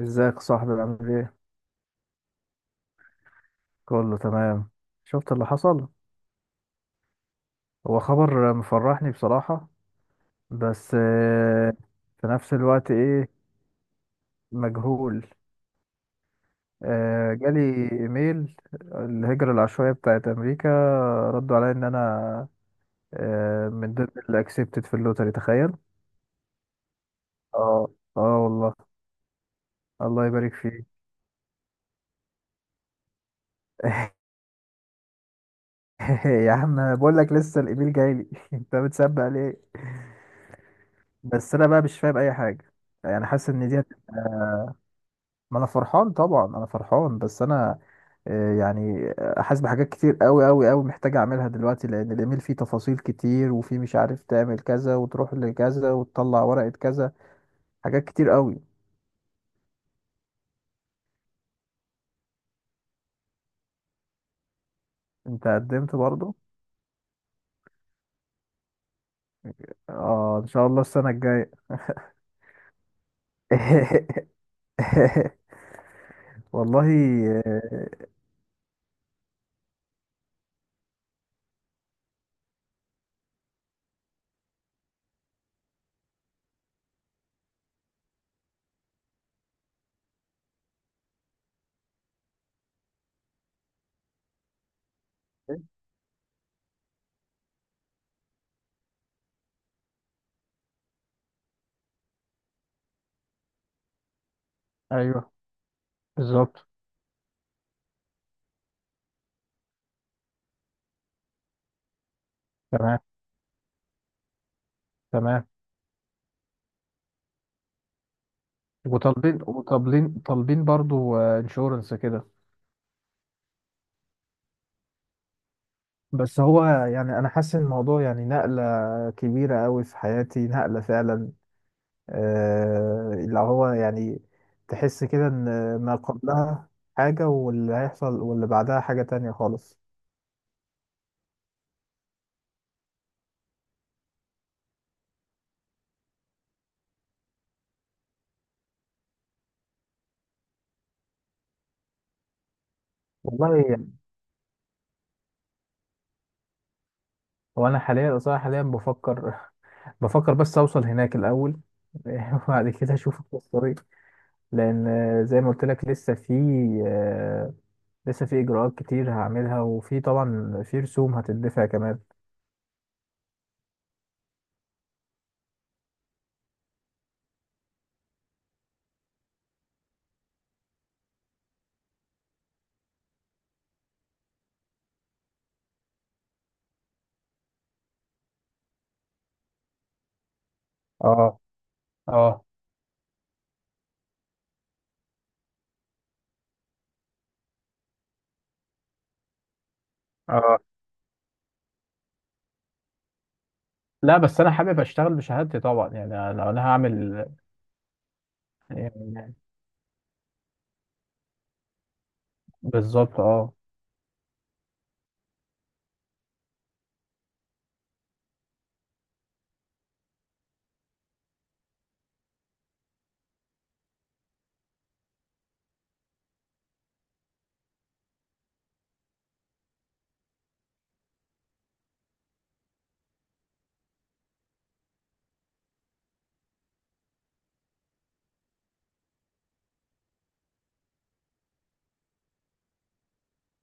ازيك يا صاحبي؟ عامل ايه؟ كله تمام. شفت اللي حصل؟ هو خبر مفرحني بصراحة، بس في نفس الوقت ايه، مجهول. جالي ايميل الهجرة العشوائية بتاعت امريكا، ردوا عليا ان انا من ضمن اللي اكسبتد في اللوتري، تخيل. اه، اه والله. الله يبارك فيك. يا عم بقول لك لسه الايميل جاي لي. انت بتسبق ليه؟ بس انا بقى مش فاهم اي حاجة. يعني حاسس ان دي، ما انا فرحان طبعا، انا فرحان بس انا يعني حاسس بحاجات كتير قوي قوي قوي محتاج اعملها دلوقتي، لان الايميل فيه تفاصيل كتير، وفيه مش عارف تعمل كذا وتروح لكذا وتطلع ورقة كذا، حاجات كتير قوي. انت قدمت برضو. اه، ان شاء الله السنة الجاية. والله. آه، ايوه، بالظبط. تمام. تمام. وطالبين برضو انشورنس كده. بس هو يعني انا حاسس ان الموضوع يعني نقله كبيره قوي في حياتي، نقله فعلا. اللي هو يعني تحس كده ان ما قبلها حاجه، واللي هيحصل واللي بعدها حاجه تانية خالص. والله يعني، هو انا حاليا صراحه حاليا بفكر. بفكر بس اوصل هناك الاول. وبعد كده اشوف الطريق، لان زي ما قلت لك، آه، لسه في اجراءات كتير هعملها، وفي طبعا في رسوم هتدفع كمان. اه، اه، اه. لا بس انا حابب اشتغل بشهادتي طبعا، يعني لو انا هعمل يعني، بالظبط، اه،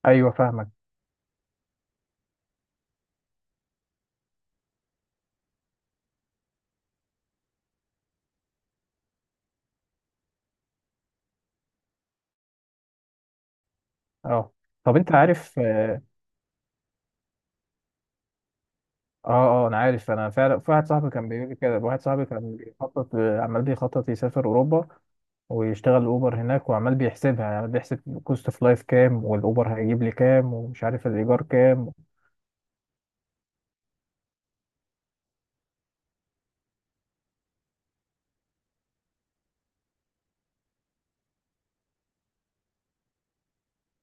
ايوه فاهمك. اه، طب انت عارف؟ اه، اه انا عارف، انا فعلا في واحد صاحبي كان بيقول لي كده، واحد صاحبي كان بيخطط، عمال بيخطط يسافر اوروبا، ويشتغل اوبر هناك، وعمال بيحسبها يعني بيحسب كوست اوف لايف كام، والاوبر هيجيب لي كام، ومش عارف الايجار كام.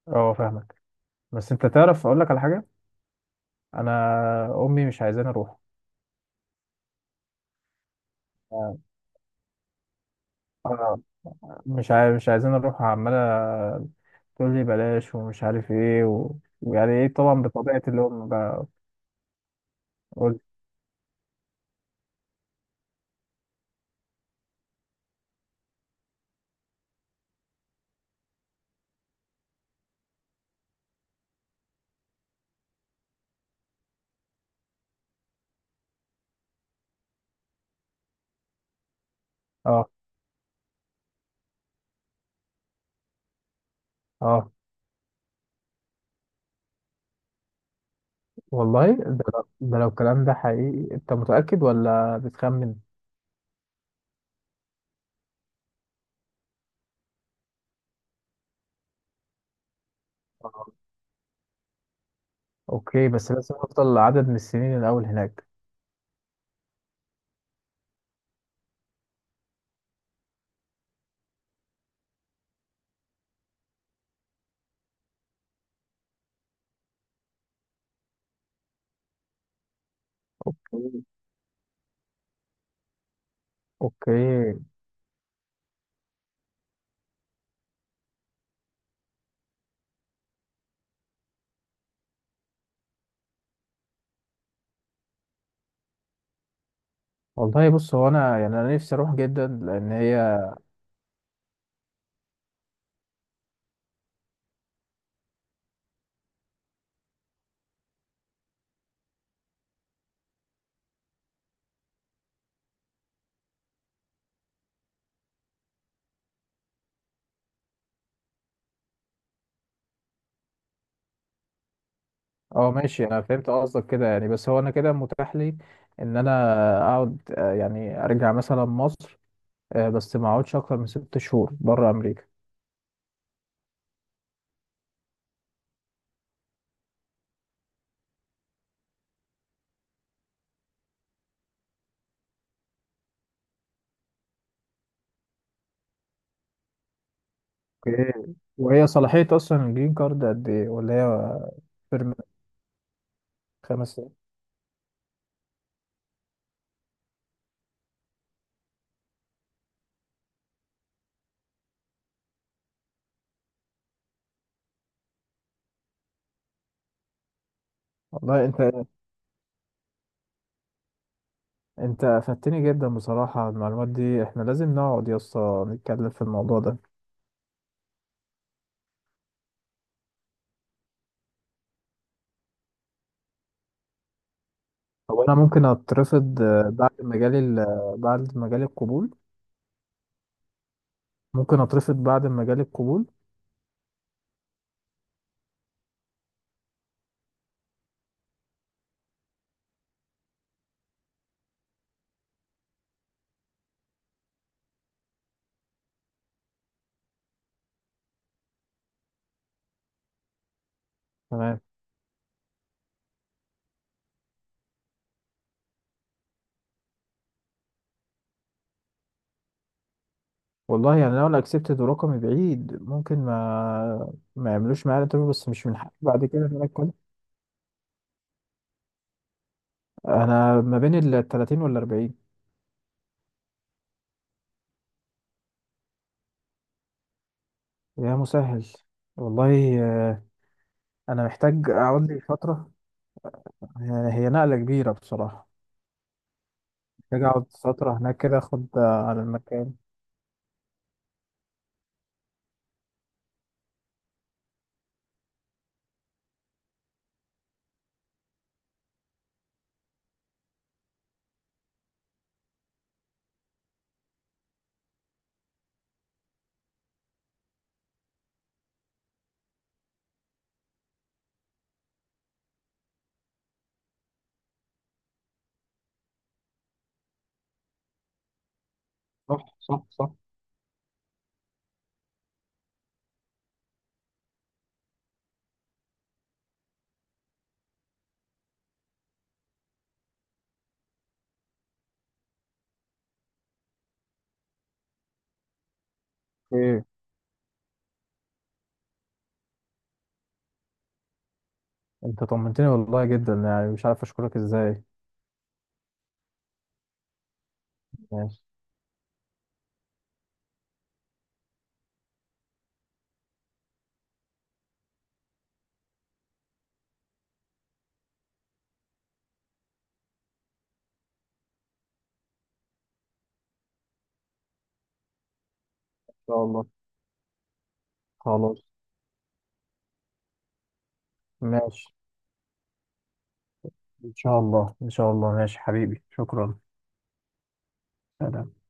اه، فاهمك. بس انت تعرف اقول لك على حاجه، انا امي مش عايزاني اروح. آه، آه، مش عايزين نروح، عمالة تقول لي بلاش ومش عارف ايه، و... ويعني ايه طبعا، بطبيعة الام بقى. قول. اه، اه والله، ده لو الكلام ده حقيقي، انت متأكد ولا بتخمن؟ آه. اوكي، بس لازم افضل عدد من السنين الاول هناك. مم. اوكي. والله بص، هو انا يعني انا نفسي اروح جدا، لان هي. اه، ماشي، انا فهمت قصدك كده، يعني بس هو انا كده متاح لي ان انا اقعد، يعني ارجع مثلا مصر، بس ما اقعدش اكتر من ست شهور بره امريكا. اوكي، وهي صلاحية أصلا الجرين كارد قد إيه؟ ولا هي فيرم؟ خمس سنين. والله أنت أفدتني جدا بصراحة على المعلومات دي، إحنا لازم نقعد يا اسطى نتكلم في الموضوع ده. هو أنا ممكن أترفض بعد ما جالي القبول؟ ممكن أترفض بعد ما جالي القبول؟ تمام. والله يعني لو أنا أكسبتد ورقمي بعيد، ممكن ما يعملوش معايا الانترفيو، بس مش من حقي بعد كده إن أنا أتكلم. أنا ما بين ال 30 وال 40. يا مسهل. والله انا محتاج اقعد لي فتره، يعني هي نقله كبيره بصراحه، محتاج اقعد فتره هناك كده اخد على المكان. صح، صح، صح. ايه. انت طمنتني والله جدا، يعني مش عارف اشكرك ازاي. ماشي. ان شاء الله. خلاص. ماشي. ان شاء الله، ان شاء الله، ماشي حبيبي، شكرا. سلام.